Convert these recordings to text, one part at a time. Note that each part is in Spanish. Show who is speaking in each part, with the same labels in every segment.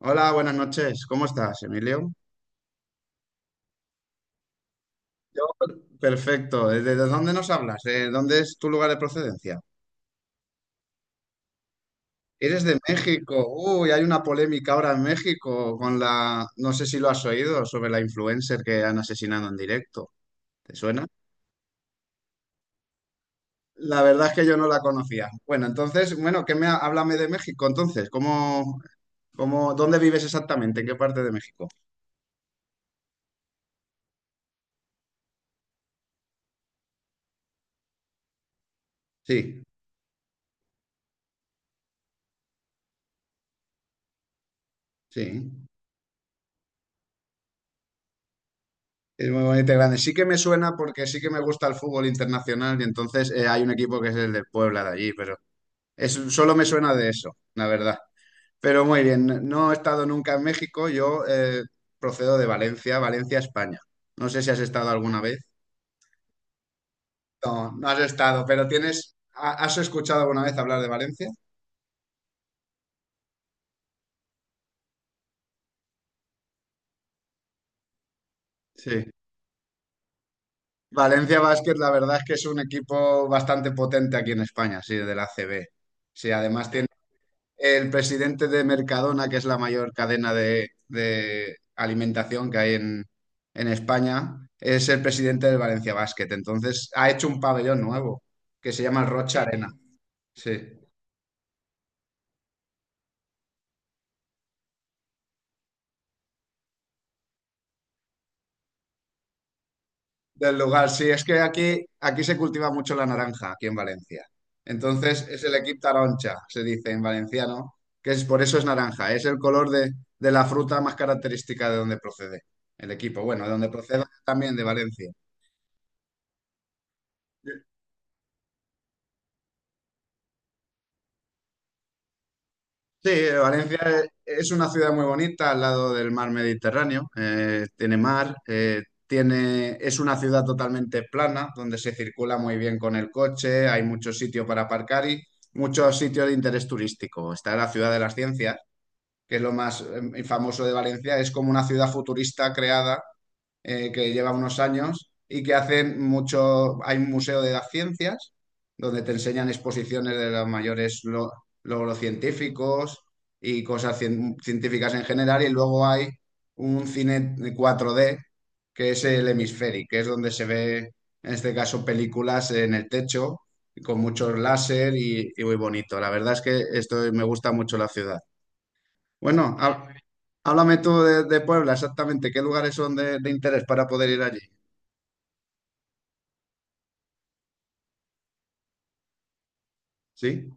Speaker 1: Hola, buenas noches. ¿Cómo estás, Emilio? Yo, perfecto. ¿Desde dónde nos hablas? ¿Dónde es tu lugar de procedencia? ¿Eres de México? Uy, hay una polémica ahora en México con la, no sé si lo has oído, sobre la influencer que han asesinado en directo. ¿Te suena? La verdad es que yo no la conocía. Bueno, entonces, bueno, háblame de México entonces? ¿Cómo, dónde vives exactamente? ¿En qué parte de México? Sí, sí. Es muy bonito y grande. Sí que me suena porque sí que me gusta el fútbol internacional y entonces hay un equipo que es el de Puebla de allí, pero es, solo me suena de eso, la verdad. Pero muy bien, no he estado nunca en México, yo procedo de Valencia, Valencia, España. No sé si has estado alguna vez. No, no has estado, pero ¿has escuchado alguna vez hablar de Valencia? Sí. Valencia Basket, la verdad es que es un equipo bastante potente aquí en España, sí, de la ACB. Sí, además tiene el presidente de Mercadona, que es la mayor cadena de alimentación que hay en España, es el presidente del Valencia Basket. Entonces ha hecho un pabellón nuevo que se llama el Rocha Arena. Sí, del lugar. Sí, es que aquí, aquí se cultiva mucho la naranja, aquí en Valencia. Entonces es el equip taroncha, se dice en valenciano, que es por eso es naranja. Es el color de la fruta más característica de donde procede el equipo. Bueno, de donde procede también de Valencia. Sí, Valencia es una ciudad muy bonita al lado del mar Mediterráneo. Tiene mar, tiene, es una ciudad totalmente plana donde se circula muy bien con el coche, hay muchos sitios para aparcar y muchos sitios de interés turístico. Está la ciudad de las ciencias, que es lo más famoso de Valencia, es como una ciudad futurista creada que lleva unos años y que hace mucho, hay un museo de las ciencias donde te enseñan exposiciones de los mayores logros científicos y cosas científicas en general y luego hay un cine cuatro d que es el Hemisferic, que es donde se ve en este caso películas en el techo con muchos láser y muy bonito. La verdad es que esto me gusta mucho la ciudad. Bueno, háblame tú de Puebla, exactamente. ¿Qué lugares son de interés para poder ir allí? ¿Sí?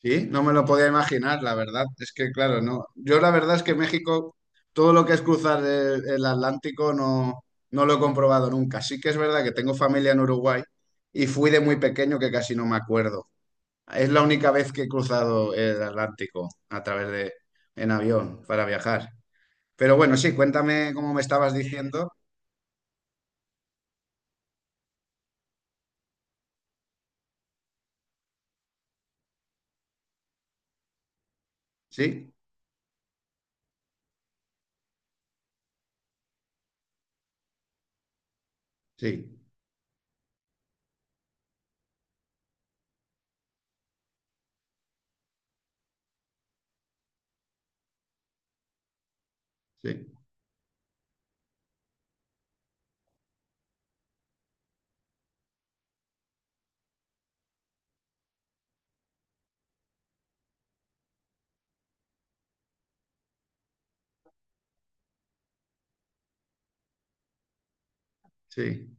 Speaker 1: Sí, no me lo podía imaginar, la verdad. Es que, claro, no. Yo la verdad es que México, todo lo que es cruzar el Atlántico, no, no lo he comprobado nunca. Sí que es verdad que tengo familia en Uruguay y fui de muy pequeño que casi no me acuerdo. Es la única vez que he cruzado el Atlántico a través de, en avión para viajar. Pero bueno, sí, cuéntame cómo me estabas diciendo. Sí, sí, sí. Sí.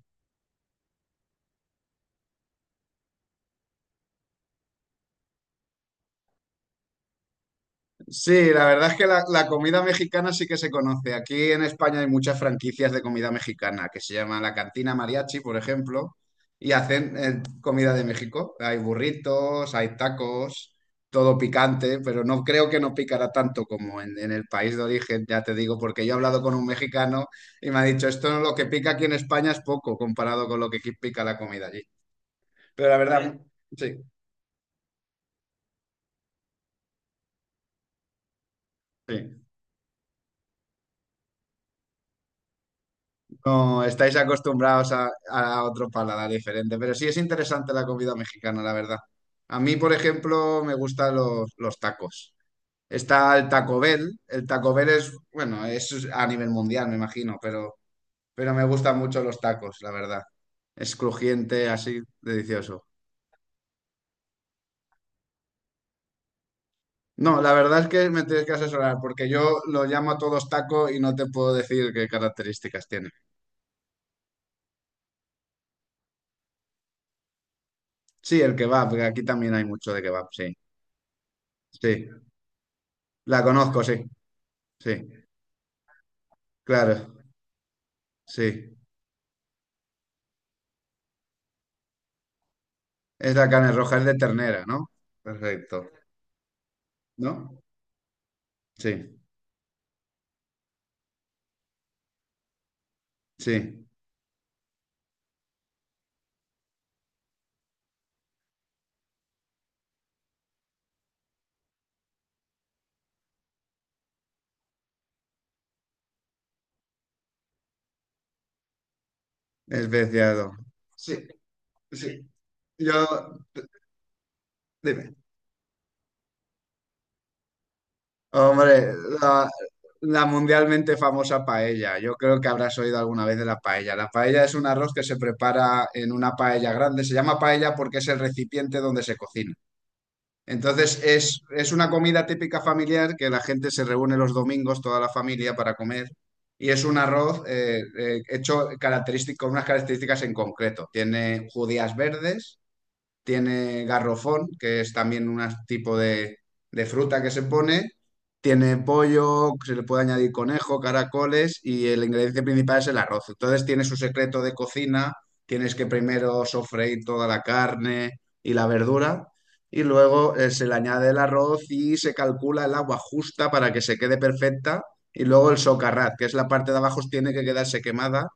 Speaker 1: Sí, la verdad es que la comida mexicana sí que se conoce. Aquí en España hay muchas franquicias de comida mexicana que se llaman la Cantina Mariachi, por ejemplo, y hacen comida de México. Hay burritos, hay tacos, todo picante, pero no creo que no picará tanto como en el país de origen, ya te digo, porque yo he hablado con un mexicano y me ha dicho, esto lo que pica aquí en España es poco comparado con lo que aquí pica la comida allí. Pero la vale. Verdad, vale. Sí, sí. No, estáis acostumbrados a otro paladar diferente, pero sí es interesante la comida mexicana, la verdad. A mí, por ejemplo, me gustan los tacos. Está el Taco Bell. El Taco Bell es, bueno, es a nivel mundial, me imagino, pero me gustan mucho los tacos, la verdad. Es crujiente, así, delicioso. No, la verdad es que me tienes que asesorar, porque yo lo llamo a todos taco y no te puedo decir qué características tiene. Sí, el kebab, que aquí también hay mucho de kebab, sí. Sí, la conozco, sí, sí. Claro, sí. Es la carne roja, es de ternera, ¿no? Perfecto. ¿No? Sí, sí. Es veteado. Sí, sí. Yo, dime. Hombre, la, la mundialmente famosa paella. Yo creo que habrás oído alguna vez de la paella. La paella es un arroz que se prepara en una paella grande. Se llama paella porque es el recipiente donde se cocina. Entonces es una comida típica familiar que la gente se reúne los domingos, toda la familia, para comer. Y es un arroz hecho característico, con unas características en concreto. Tiene judías verdes, tiene garrofón, que es también un tipo de fruta que se pone, tiene pollo, se le puede añadir conejo, caracoles y el ingrediente principal es el arroz. Entonces tiene su secreto de cocina, tienes que primero sofreír toda la carne y la verdura y luego se le añade el arroz y se calcula el agua justa para que se quede perfecta y luego el socarrat, que es la parte de abajo, tiene que quedarse quemada.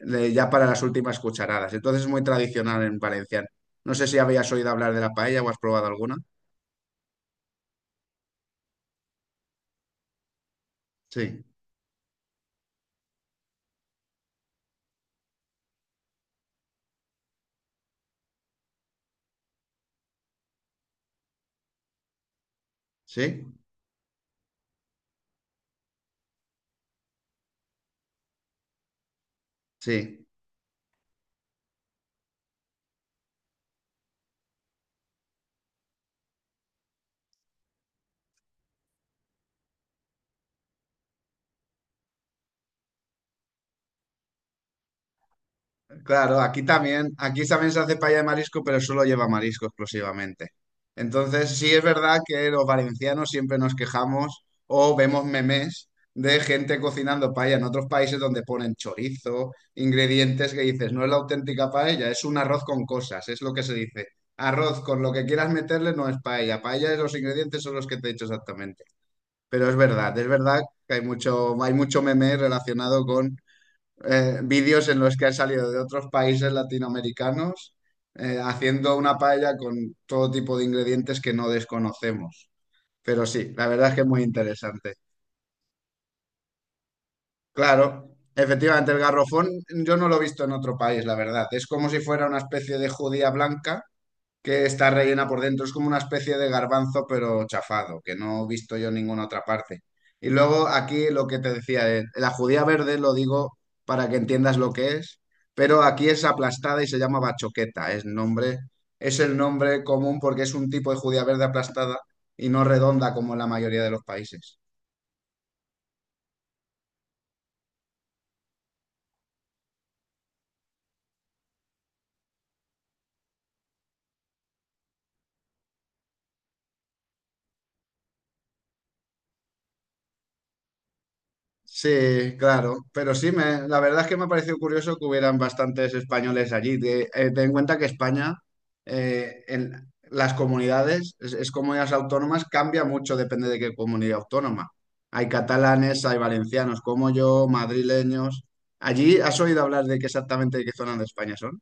Speaker 1: Ya para las últimas cucharadas. Entonces es muy tradicional en Valencia, no sé si habías oído hablar de la paella o has probado alguna. Sí, sí, sí. Claro, aquí también se hace paella de marisco, pero solo lleva marisco exclusivamente. Entonces, sí es verdad que los valencianos siempre nos quejamos o vemos memes de gente cocinando paella en otros países donde ponen chorizo, ingredientes que dices, no es la auténtica paella, es un arroz con cosas, es lo que se dice. Arroz con lo que quieras meterle no es paella. Paella es los ingredientes son los que te he dicho exactamente. Pero es verdad que hay mucho meme relacionado con vídeos en los que han salido de otros países latinoamericanos haciendo una paella con todo tipo de ingredientes que no desconocemos. Pero sí, la verdad es que es muy interesante. Claro, efectivamente, el garrofón yo no lo he visto en otro país, la verdad. Es como si fuera una especie de judía blanca que está rellena por dentro. Es como una especie de garbanzo, pero chafado, que no he visto yo en ninguna otra parte. Y luego aquí lo que te decía, la judía verde lo digo para que entiendas lo que es, pero aquí es aplastada y se llama bachoqueta. Es nombre, es el nombre común porque es un tipo de judía verde aplastada y no redonda como en la mayoría de los países. Sí, claro, pero sí, me, la verdad es que me ha parecido curioso que hubieran bastantes españoles allí. Ten en cuenta que España, en las comunidades, es comunidades autónomas, cambia mucho, depende de qué comunidad autónoma. Hay catalanes, hay valencianos como yo, madrileños. Allí, ¿has oído hablar de qué exactamente de qué zona de España son?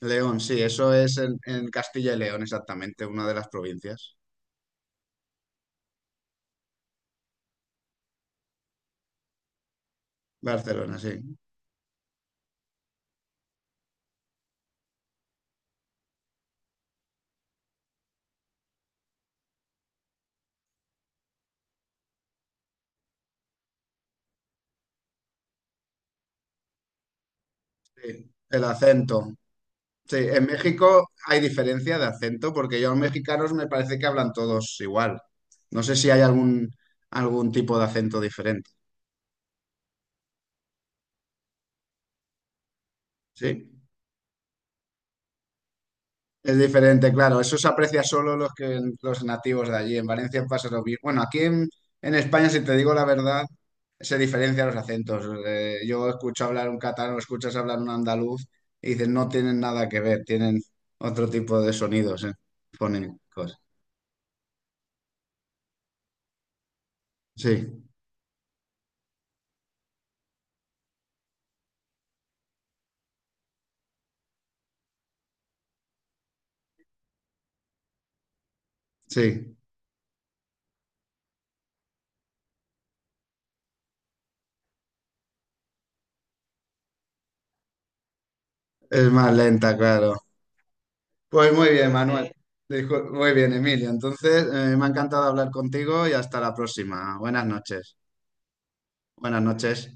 Speaker 1: León, sí, eso es en Castilla y León, exactamente, una de las provincias. Barcelona, sí. Sí, el acento. Sí, en México hay diferencia de acento porque yo a los mexicanos me parece que hablan todos igual. No sé si hay algún, algún tipo de acento diferente, ¿sí? Es diferente, claro. Eso se aprecia solo los que los nativos de allí. En Valencia pasa lo mismo. Bueno, aquí en España, si te digo la verdad, se diferencian los acentos. Yo escucho hablar un catalán, escuchas hablar un andaluz y dices, no tienen nada que ver, tienen otro tipo de sonidos, fonémicos. Sí, sí. Es más lenta, claro. Pues muy bien, Manuel. Muy bien, Emilio. Entonces, me ha encantado hablar contigo y hasta la próxima. Buenas noches. Buenas noches.